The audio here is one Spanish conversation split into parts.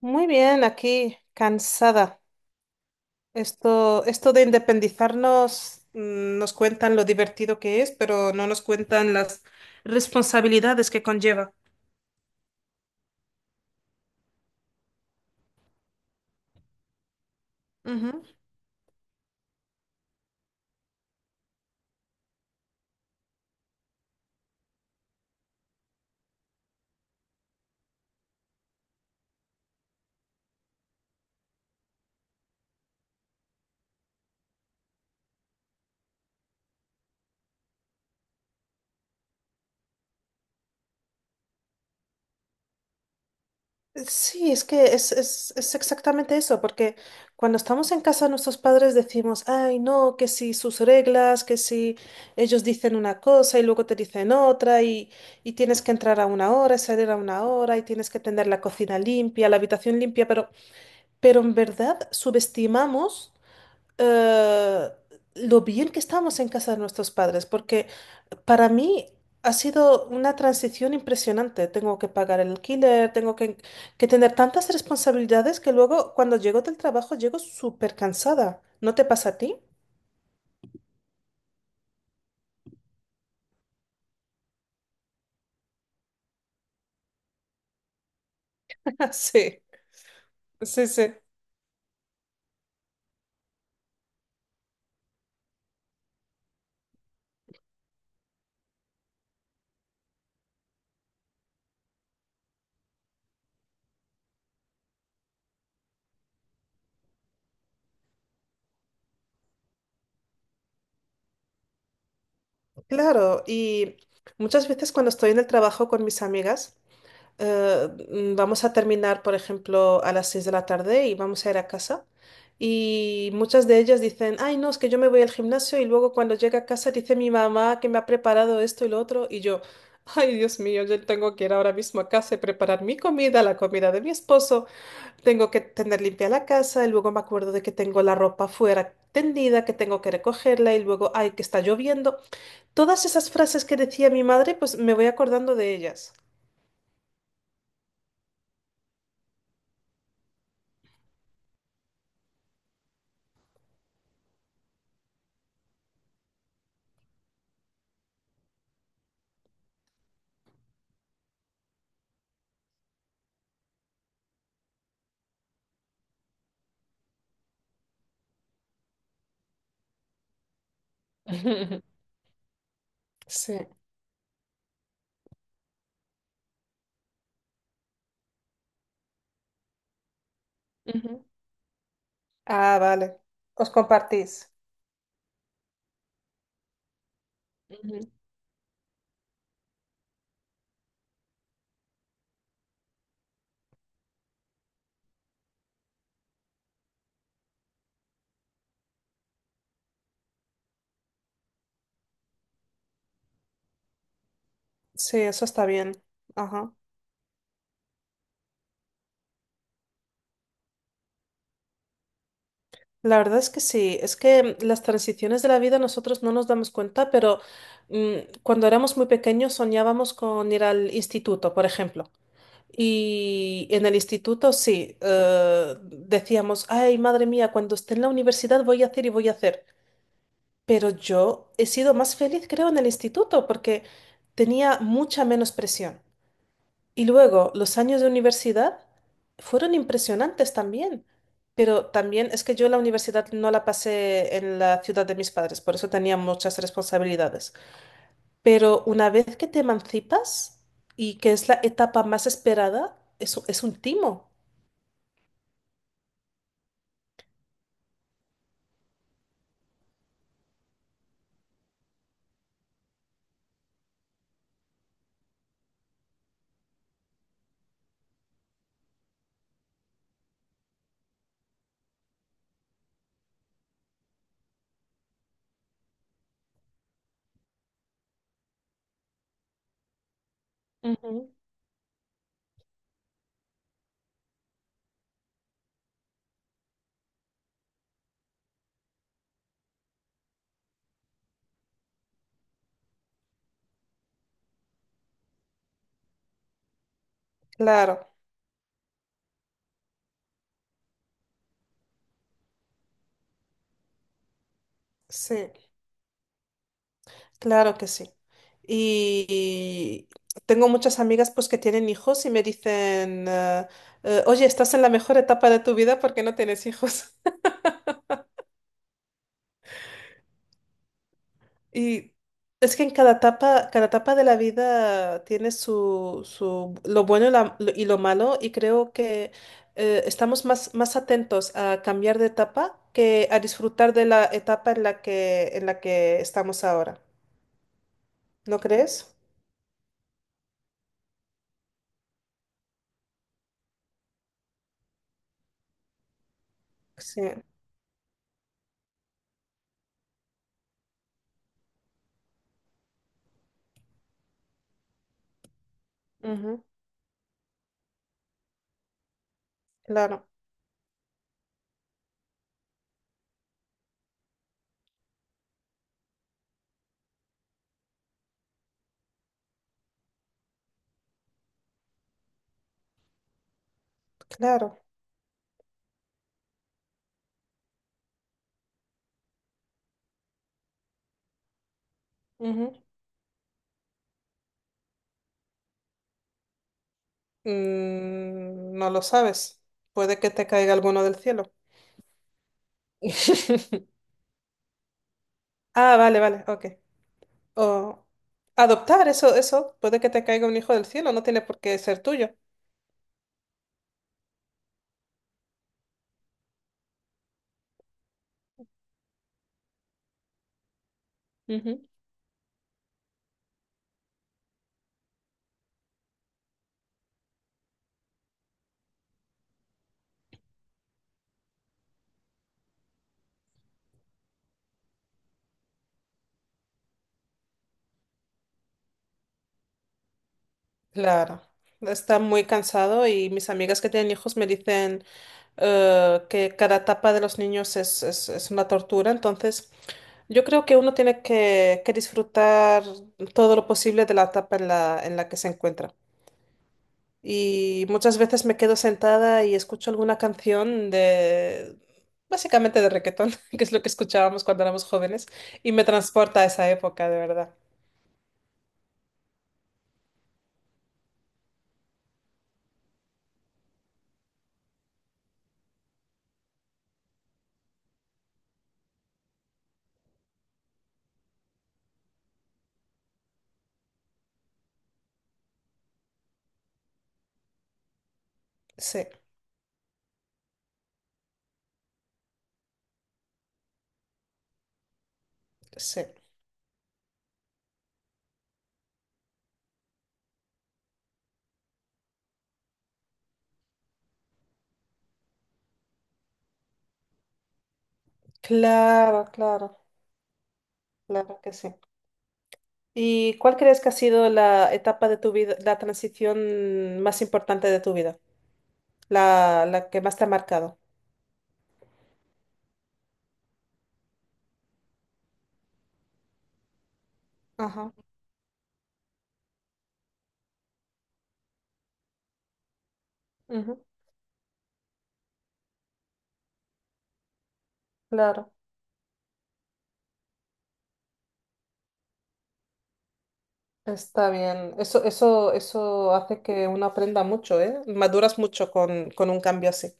Muy bien, aquí cansada. Esto de independizarnos nos cuentan lo divertido que es, pero no nos cuentan las responsabilidades que conlleva. Ujú. Sí, es que es exactamente eso, porque cuando estamos en casa nuestros padres decimos, ay, no, que si sus reglas, que si ellos dicen una cosa y luego te dicen otra y tienes que entrar a una hora y salir a una hora y tienes que tener la cocina limpia, la habitación limpia, pero... Pero en verdad subestimamos eh, lo bien que estamos en casa de nuestros padres, porque para mí ha sido una transición impresionante. Tengo que pagar el alquiler, tengo que tener tantas responsabilidades que luego cuando llego del trabajo llego súper cansada. ¿No te pasa a ti? Sí, sí, sí. Claro, y muchas veces cuando estoy en el trabajo con mis amigas, vamos a terminar, por ejemplo, a las 6 de la tarde y vamos a ir a casa. Y muchas de ellas dicen, ay, no, es que yo me voy al gimnasio y luego cuando llega a casa dice mi mamá que me ha preparado esto y lo otro. Y yo, ay, Dios mío, yo tengo que ir ahora mismo a casa y preparar mi comida, la comida de mi esposo. Tengo que tener limpia la casa y luego me acuerdo de que tengo la ropa fuera tendida, que tengo que recogerla y luego, ay, que está lloviendo. Todas esas frases que decía mi madre, pues me voy acordando de ellas. Sí. Ujú. Ah, vale. Os compartís. Ujú. Sí, eso está bien. Ajá. La verdad es que sí, es que las transiciones de la vida nosotros no nos damos cuenta, pero mm, cuando éramos muy pequeños soñábamos con ir al instituto, por ejemplo. Y en el instituto sí, decíamos, ay, madre mía, cuando esté en la universidad voy a hacer y voy a hacer. Pero yo he sido más feliz, creo, en el instituto porque tenía mucha menos presión. Y luego, los años de universidad fueron impresionantes también, pero también es que yo la universidad no la pasé en la ciudad de mis padres, por eso tenía muchas responsabilidades. Pero una vez que te emancipas y que es la etapa más esperada, eso es un timo. Ujú. Claro, sí, claro que sí. Y tengo muchas amigas pues que tienen hijos y me dicen, oye, estás en la mejor etapa de tu vida porque no tienes hijos. Y es que en cada etapa de la vida tiene su lo bueno y lo y lo malo, y creo que estamos más atentos a cambiar de etapa que a disfrutar de la etapa en la en la que estamos ahora. ¿No crees? Sí. Ujú. Claro, claro. Ujú. Mm, no lo sabes. Puede que te caiga alguno del cielo. Ah, vale, vale, ok. O adoptar, eso, puede que te caiga un hijo del cielo, no tiene por qué ser tuyo. Ujú. Claro, está muy cansado y mis amigas que tienen hijos me dicen que cada etapa de los niños es una tortura, entonces yo creo que uno tiene que disfrutar todo lo posible de la etapa en la en la que se encuentra. Y muchas veces me quedo sentada y escucho alguna canción de, básicamente de reggaetón, que es lo que escuchábamos cuando éramos jóvenes, y me transporta a esa época, de verdad. Sí, sí. Claro, claro, claro que sí. ¿Y cuál crees que ha sido la etapa de tu vida, la transición más importante de tu vida? La que más te ha marcado. Ajá. Ujú. Claro, está bien. Eso hace que uno aprenda mucho, ¿eh? Maduras mucho con un cambio así.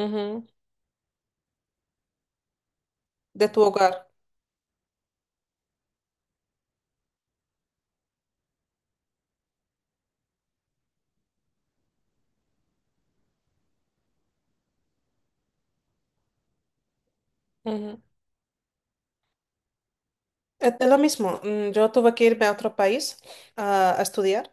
Ujú, de tu hogar. Ujú. Es lo mismo, yo tuve que irme a otro país a estudiar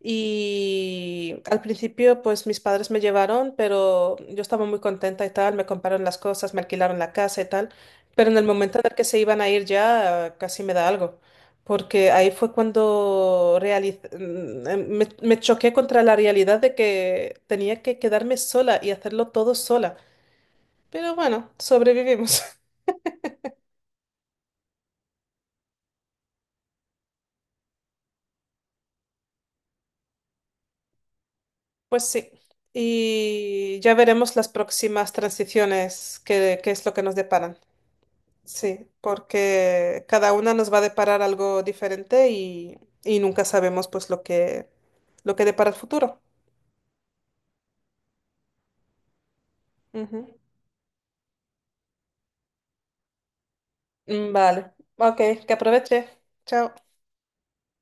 y al principio pues mis padres me llevaron, pero yo estaba muy contenta y tal, me compraron las cosas, me alquilaron la casa y tal, pero en el momento en el que se iban a ir ya casi me da algo, porque ahí fue cuando me choqué contra la realidad de que tenía que quedarme sola y hacerlo todo sola, pero bueno, sobrevivimos. Pues sí, y ya veremos las próximas transiciones, qué es lo que nos deparan. Sí, porque cada una nos va a deparar algo diferente y nunca sabemos pues lo lo que depara el futuro. Ujú. Mm, vale, ok, que aproveche. Chao.